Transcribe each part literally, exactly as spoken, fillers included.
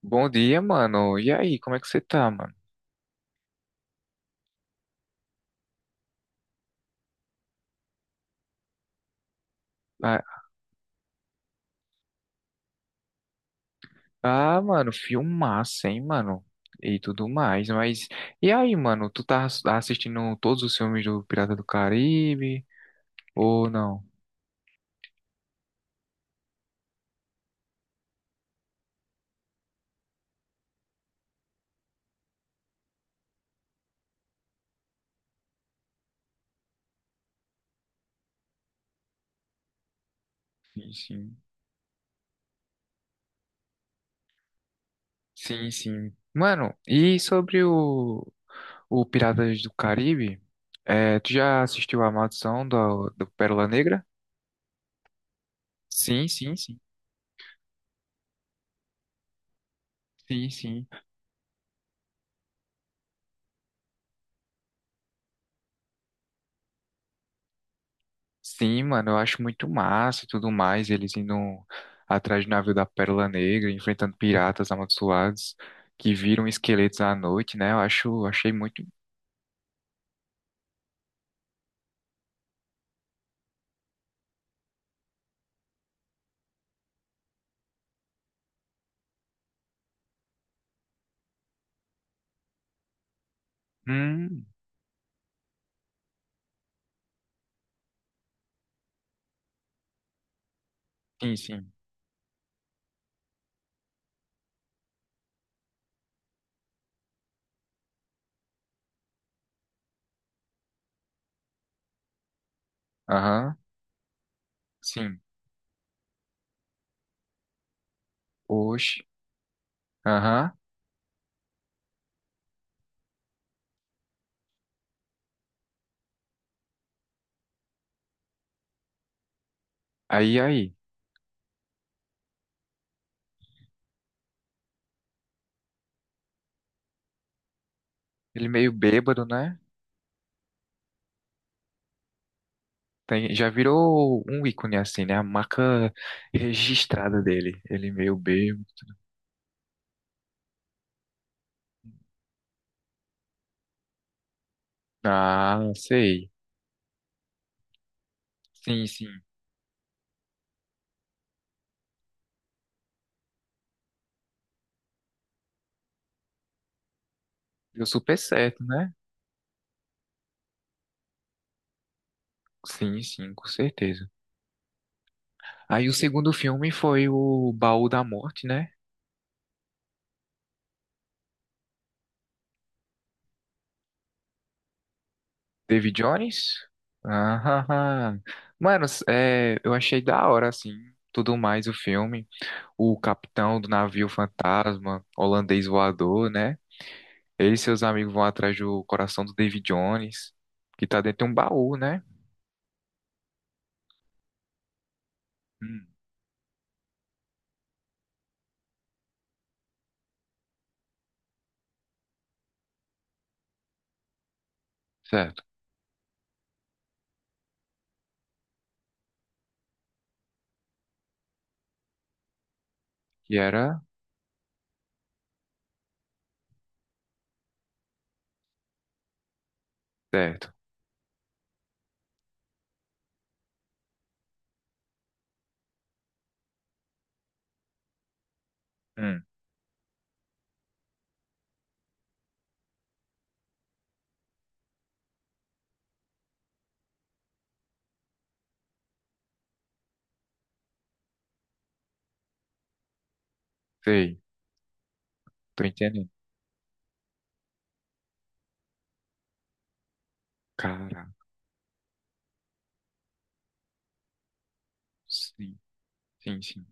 Bom dia, mano. E aí, como é que você tá, mano? Ah, ah, Mano, filmaço, hein, mano? E tudo mais, mas... E aí, mano, tu tá ass- assistindo todos os filmes do Pirata do Caribe? Ou não? Sim, sim. Sim, sim. Mano, e sobre o, o Piratas do Caribe? É, tu já assistiu a Maldição do, do Pérola Negra? Sim, sim, sim. Sim, sim. Sim, mano, eu acho muito massa e tudo mais, eles indo atrás do navio da Pérola Negra, enfrentando piratas amaldiçoados que viram esqueletos à noite, né? Eu acho, achei muito. Hum, sim, sim. Aham, sim. Oxe, aham. Aí, aí. Ele meio bêbado, né? Tem, já virou um ícone assim, né? A marca registrada dele. Ele meio bêbado. Ah, sei. Sim, sim. Deu super certo, né? Sim, sim, com certeza. Aí o segundo filme foi o Baú da Morte, né? David Jones. Ah, ah, ah. Mano, é, eu achei da hora, assim, tudo mais o filme. O capitão do navio fantasma, holandês voador, né? Ele e seus amigos vão atrás do coração do David Jones, que tá dentro de um baú, né? Hum, certo. Que era... Certo. Hum, sei. Tô entendendo. Cara, sim, sim, sim.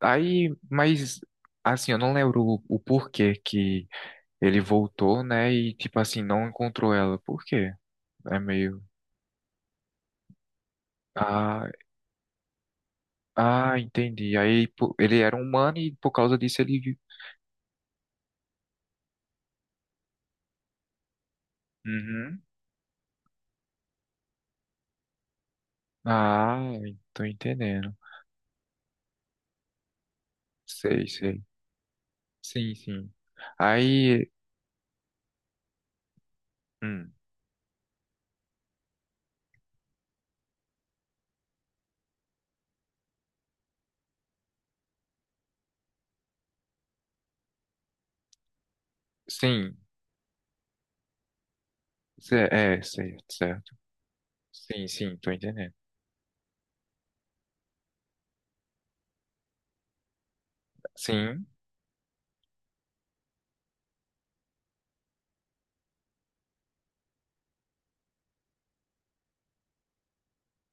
Aí, mas, assim, eu não lembro o o porquê que ele voltou, né? E tipo assim, não encontrou ela. Por quê? É meio. Ah, ah, Entendi. Aí pô, ele era humano e por causa disso ele viu. Uhum. Ah, tô entendendo. Sei, sei. Sim, sim. Aí. Hum, sim. Cê- É, certo, certo. Sim, sim, tô entendendo. Sim,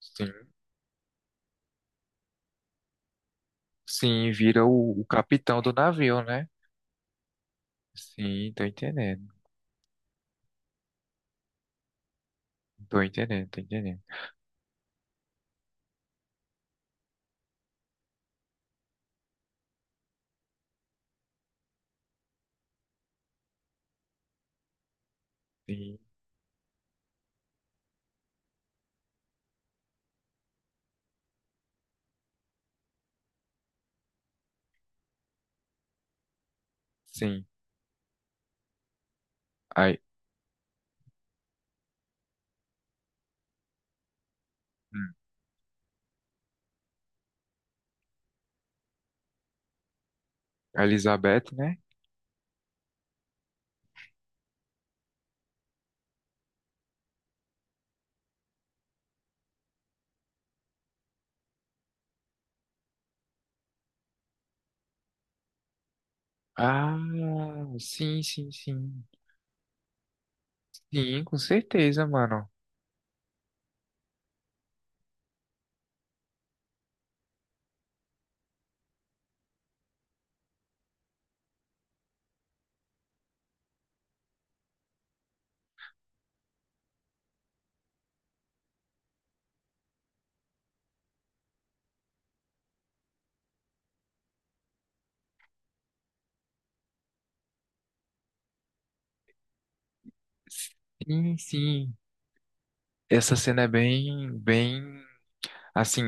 sim. Sim, vira o, o capitão do navio, né? Sim, tô entendendo. Tô entendendo, tô entendendo. Sim, sim. Aí. Hum. A Elizabeth, né? Ah, sim, sim, sim. Sim, com certeza, mano. Sim, sim. Essa cena é bem, bem, assim,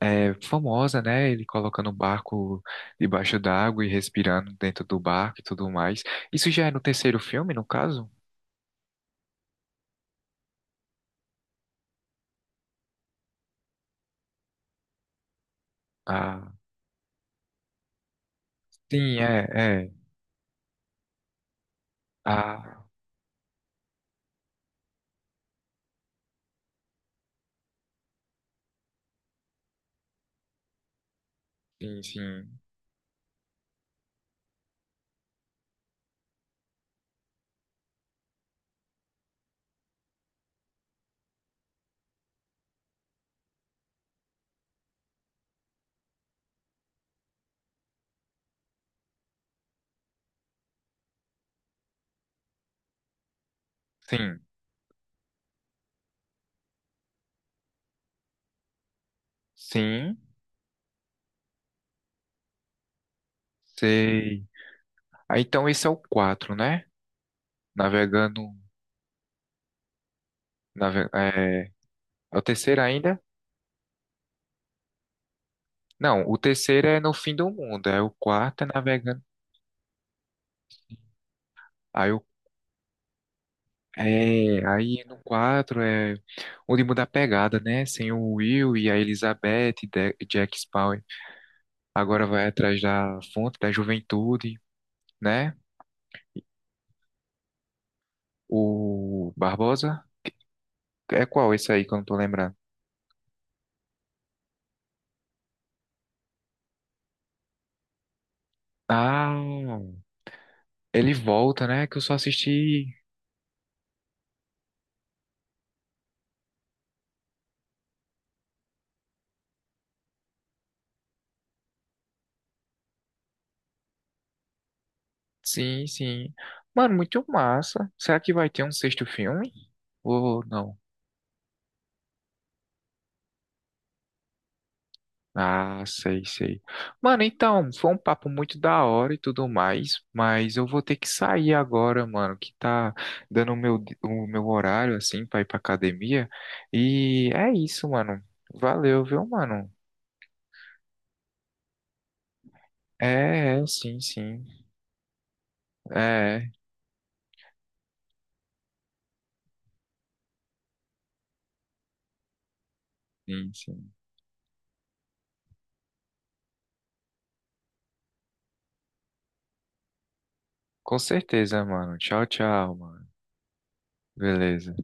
é, é famosa, né? Ele colocando o barco debaixo d'água e respirando dentro do barco e tudo mais. Isso já é no terceiro filme, no caso? Ah, sim, é, é. Ah, sim, sim. Sim, sim, sei. Ah, então esse é o quatro, né? Navegando, nave, é, é o terceiro ainda? Não, o terceiro é no fim do mundo. É o quarto é navegando. Aí o é, aí no quatro é onde muda a pegada, né? Sem o Will e a Elizabeth e De- Jack Sparrow. Agora vai atrás da fonte da juventude, né? O Barbosa. É qual esse aí que eu não tô lembrando? Ah, ele volta, né? Que eu só assisti. Sim, sim. Mano, muito massa. Será que vai ter um sexto filme? Ou não? Ah, sei, sei. Mano, então, foi um papo muito da hora e tudo mais, mas eu vou ter que sair agora, mano, que tá dando o meu, di- o meu horário, assim, pra ir pra academia. E é isso, mano. Valeu, viu, mano? É, é, sim, sim. É, é, sim, sim. Com certeza, mano. Tchau, tchau, mano. Beleza.